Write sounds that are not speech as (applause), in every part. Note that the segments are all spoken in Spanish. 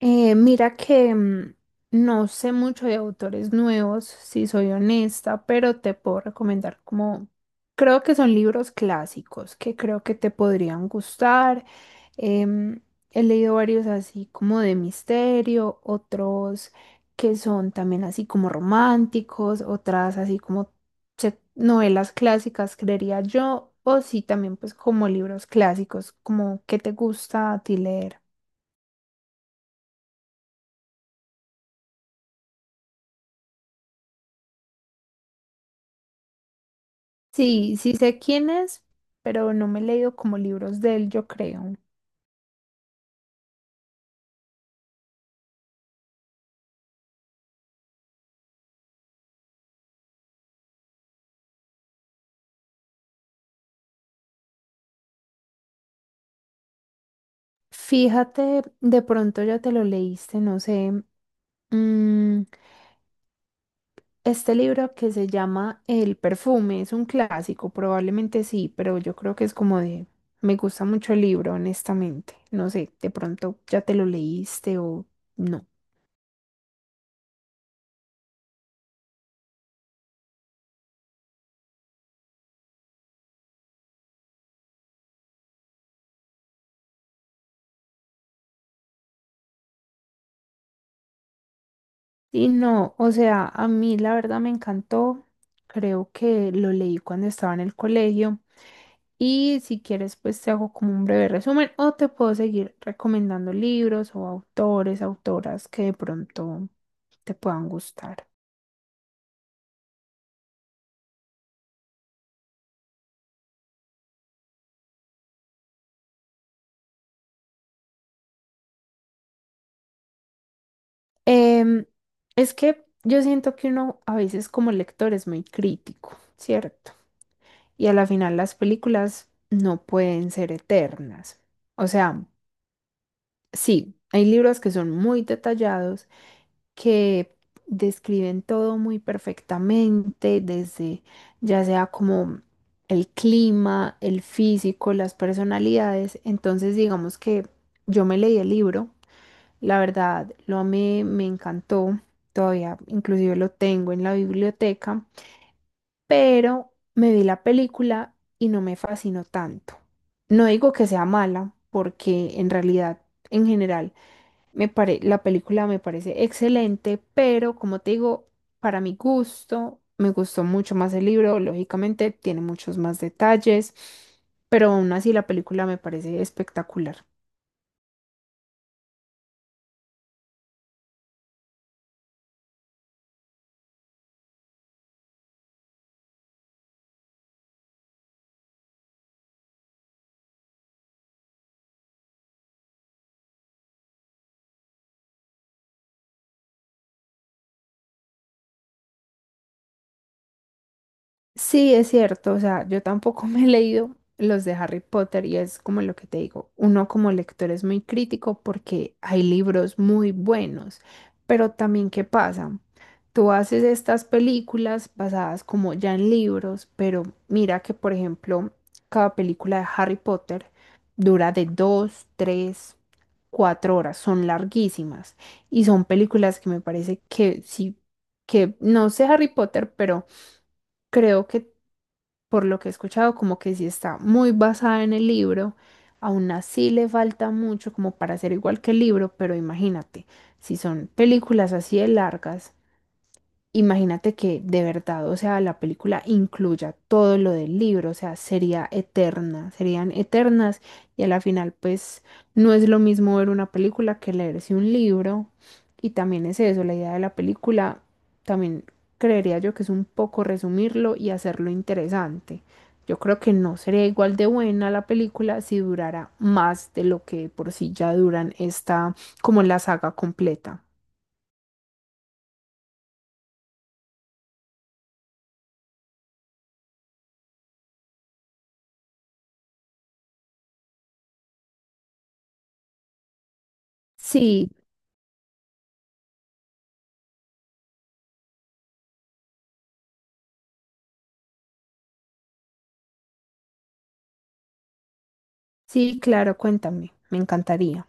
Mira que no sé mucho de autores nuevos, si soy honesta, pero te puedo recomendar como, creo que son libros clásicos que creo que te podrían gustar. Em, He leído varios así como de misterio, otros que son también así como románticos, otras así como novelas clásicas, creería yo, o sí también pues como libros clásicos, como que te gusta a ti leer. Sí, sí sé quién es, pero no me he leído como libros de él, yo creo. Fíjate, de pronto ya te lo leíste, no sé. mm, este libro que se llama El perfume es un clásico, probablemente sí, pero yo creo que es como de... Me gusta mucho el libro, honestamente. No sé, de pronto ya te lo leíste o no. Y no, o sea, a mí la verdad me encantó. Creo que lo leí cuando estaba en el colegio. Y si quieres, pues te hago como un breve resumen o te puedo seguir recomendando libros o autores, autoras que de pronto te puedan gustar. Em, es que yo siento que uno a veces como lector es muy crítico, ¿cierto? Y a la final las películas no pueden ser eternas. O sea, sí, hay libros que son muy detallados que describen todo muy perfectamente, desde ya sea como el clima, el físico, las personalidades. Entonces, digamos que yo me leí el libro, la verdad, lo amé, me encantó, todavía inclusive lo tengo en la biblioteca, pero me vi la película y no me fascinó tanto. No digo que sea mala, porque en realidad, en general, la película me parece excelente, pero como te digo, para mi gusto, me gustó mucho más el libro, lógicamente tiene muchos más detalles, pero aún así la película me parece espectacular. Sí, es cierto, o sea, yo tampoco (laughs) me he leído los de Harry Potter y es como lo que te digo, uno como lector es muy crítico porque hay libros muy buenos, pero también ¿qué pasa? Tú haces estas películas basadas como ya en libros, pero mira que por ejemplo, cada película de Harry Potter dura de dos, tres, cuatro horas, son larguísimas y son películas que me parece que sí, que no sé Harry Potter, pero... Creo que por lo que he escuchado, como que sí está muy basada en el libro, aún así le falta mucho como para ser igual que el libro, pero imagínate, si son películas así de largas. Imagínate que de verdad, o sea, la película incluya todo lo del libro, o sea, sería eterna, serían eternas y a la final pues no es lo mismo ver una película que leerse un libro y también es eso, la idea de la película también creería yo que es un poco resumirlo y hacerlo interesante. Yo creo que no sería igual de buena la película si durara más de lo que por sí ya duran esta como la saga completa. Sí, sí, claro, cuéntame, me encantaría.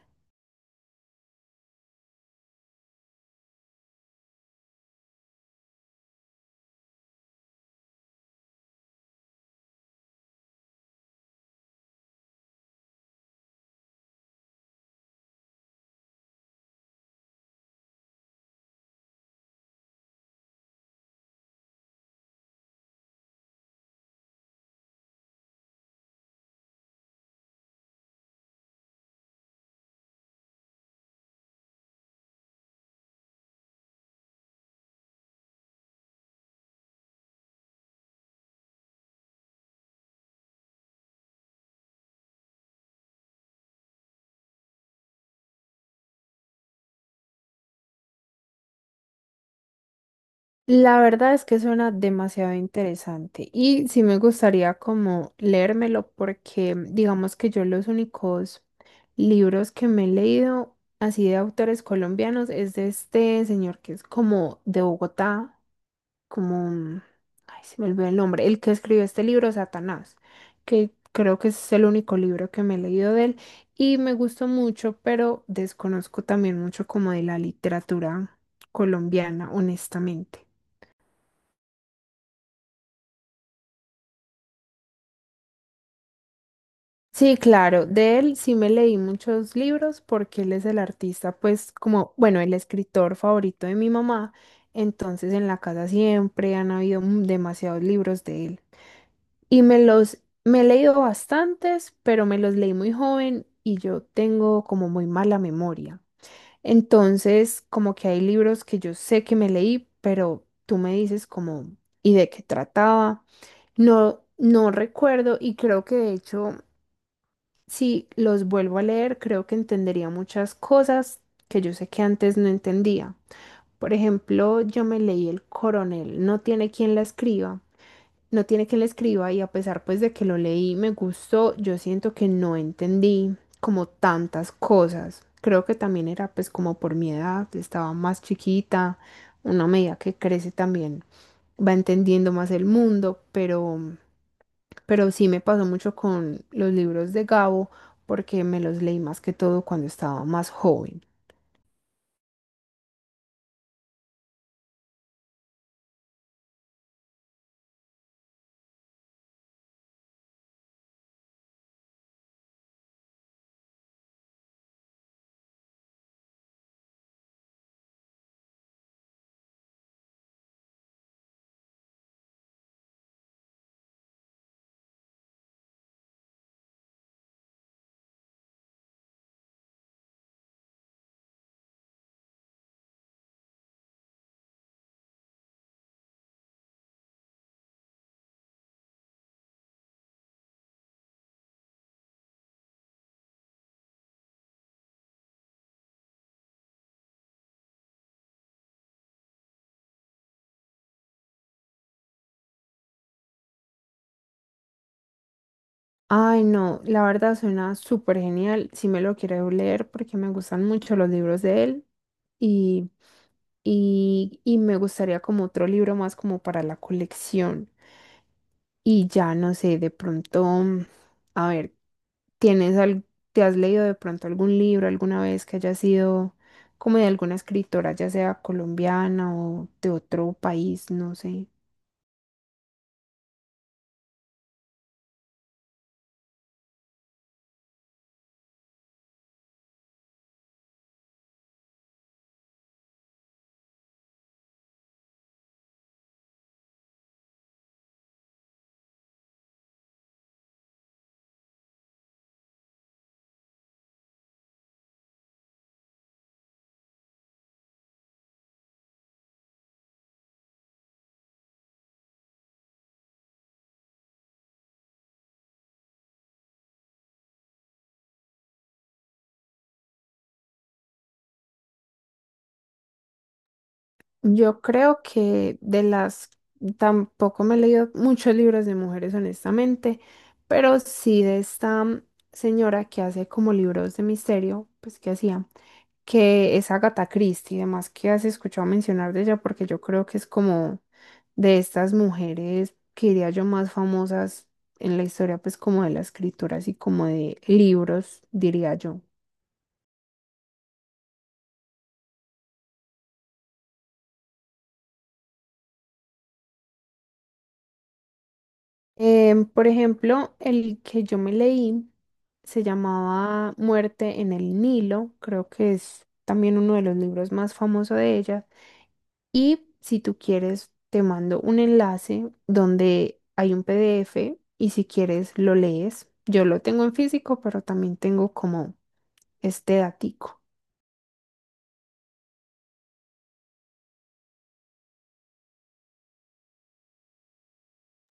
La verdad es que suena demasiado interesante y sí me gustaría como leérmelo porque digamos que yo los únicos libros que me he leído así de autores colombianos es de este señor que es como de Bogotá, como, ay, se me olvidó el nombre, el que escribió este libro, Satanás, que creo que es el único libro que me he leído de él y me gustó mucho, pero desconozco también mucho como de la literatura colombiana, honestamente. Sí, claro, de él sí me leí muchos libros porque él es el artista, pues como, bueno, el escritor favorito de mi mamá, entonces en la casa siempre han habido demasiados libros de él. Y me he leído bastantes, pero me los leí muy joven y yo tengo como muy mala memoria. Entonces, como que hay libros que yo sé que me leí, pero tú me dices como, ¿y de qué trataba? No, no recuerdo y creo que de hecho, si los vuelvo a leer, creo que entendería muchas cosas que yo sé que antes no entendía. Por ejemplo, yo me leí El coronel, no tiene quien la escriba. No tiene que le escriba y a pesar pues de que lo leí, me gustó, yo siento que no entendí como tantas cosas. Creo que también era pues como por mi edad, estaba más chiquita, una medida que crece también va entendiendo más el mundo, pero sí me pasó mucho con los libros de Gabo porque me los leí más que todo cuando estaba más joven. Ay, no, la verdad suena súper genial. Sí me lo quiero leer porque me gustan mucho los libros de él y, y me gustaría como otro libro más como para la colección. Y ya no sé, de pronto, a ver, ¿tienes te has leído de pronto algún libro alguna vez que haya sido como de alguna escritora, ya sea colombiana o de otro país, no sé? Yo creo que de las, tampoco me he leído muchos libros de mujeres, honestamente, pero sí de esta señora que hace como libros de misterio, pues que hacía, que es Agatha Christie y demás, que has escuchado mencionar de ella, porque yo creo que es como de estas mujeres, que diría yo, más famosas en la historia, pues como de la escritura, así como de libros, diría yo. Por ejemplo, el que yo me leí se llamaba Muerte en el Nilo, creo que es también uno de los libros más famosos de ella. Y si tú quieres, te mando un enlace donde hay un PDF y si quieres lo lees. Yo lo tengo en físico, pero también tengo como este datico.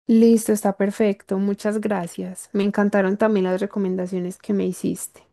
Listo, está perfecto. Muchas gracias. Me encantaron también las recomendaciones que me hiciste.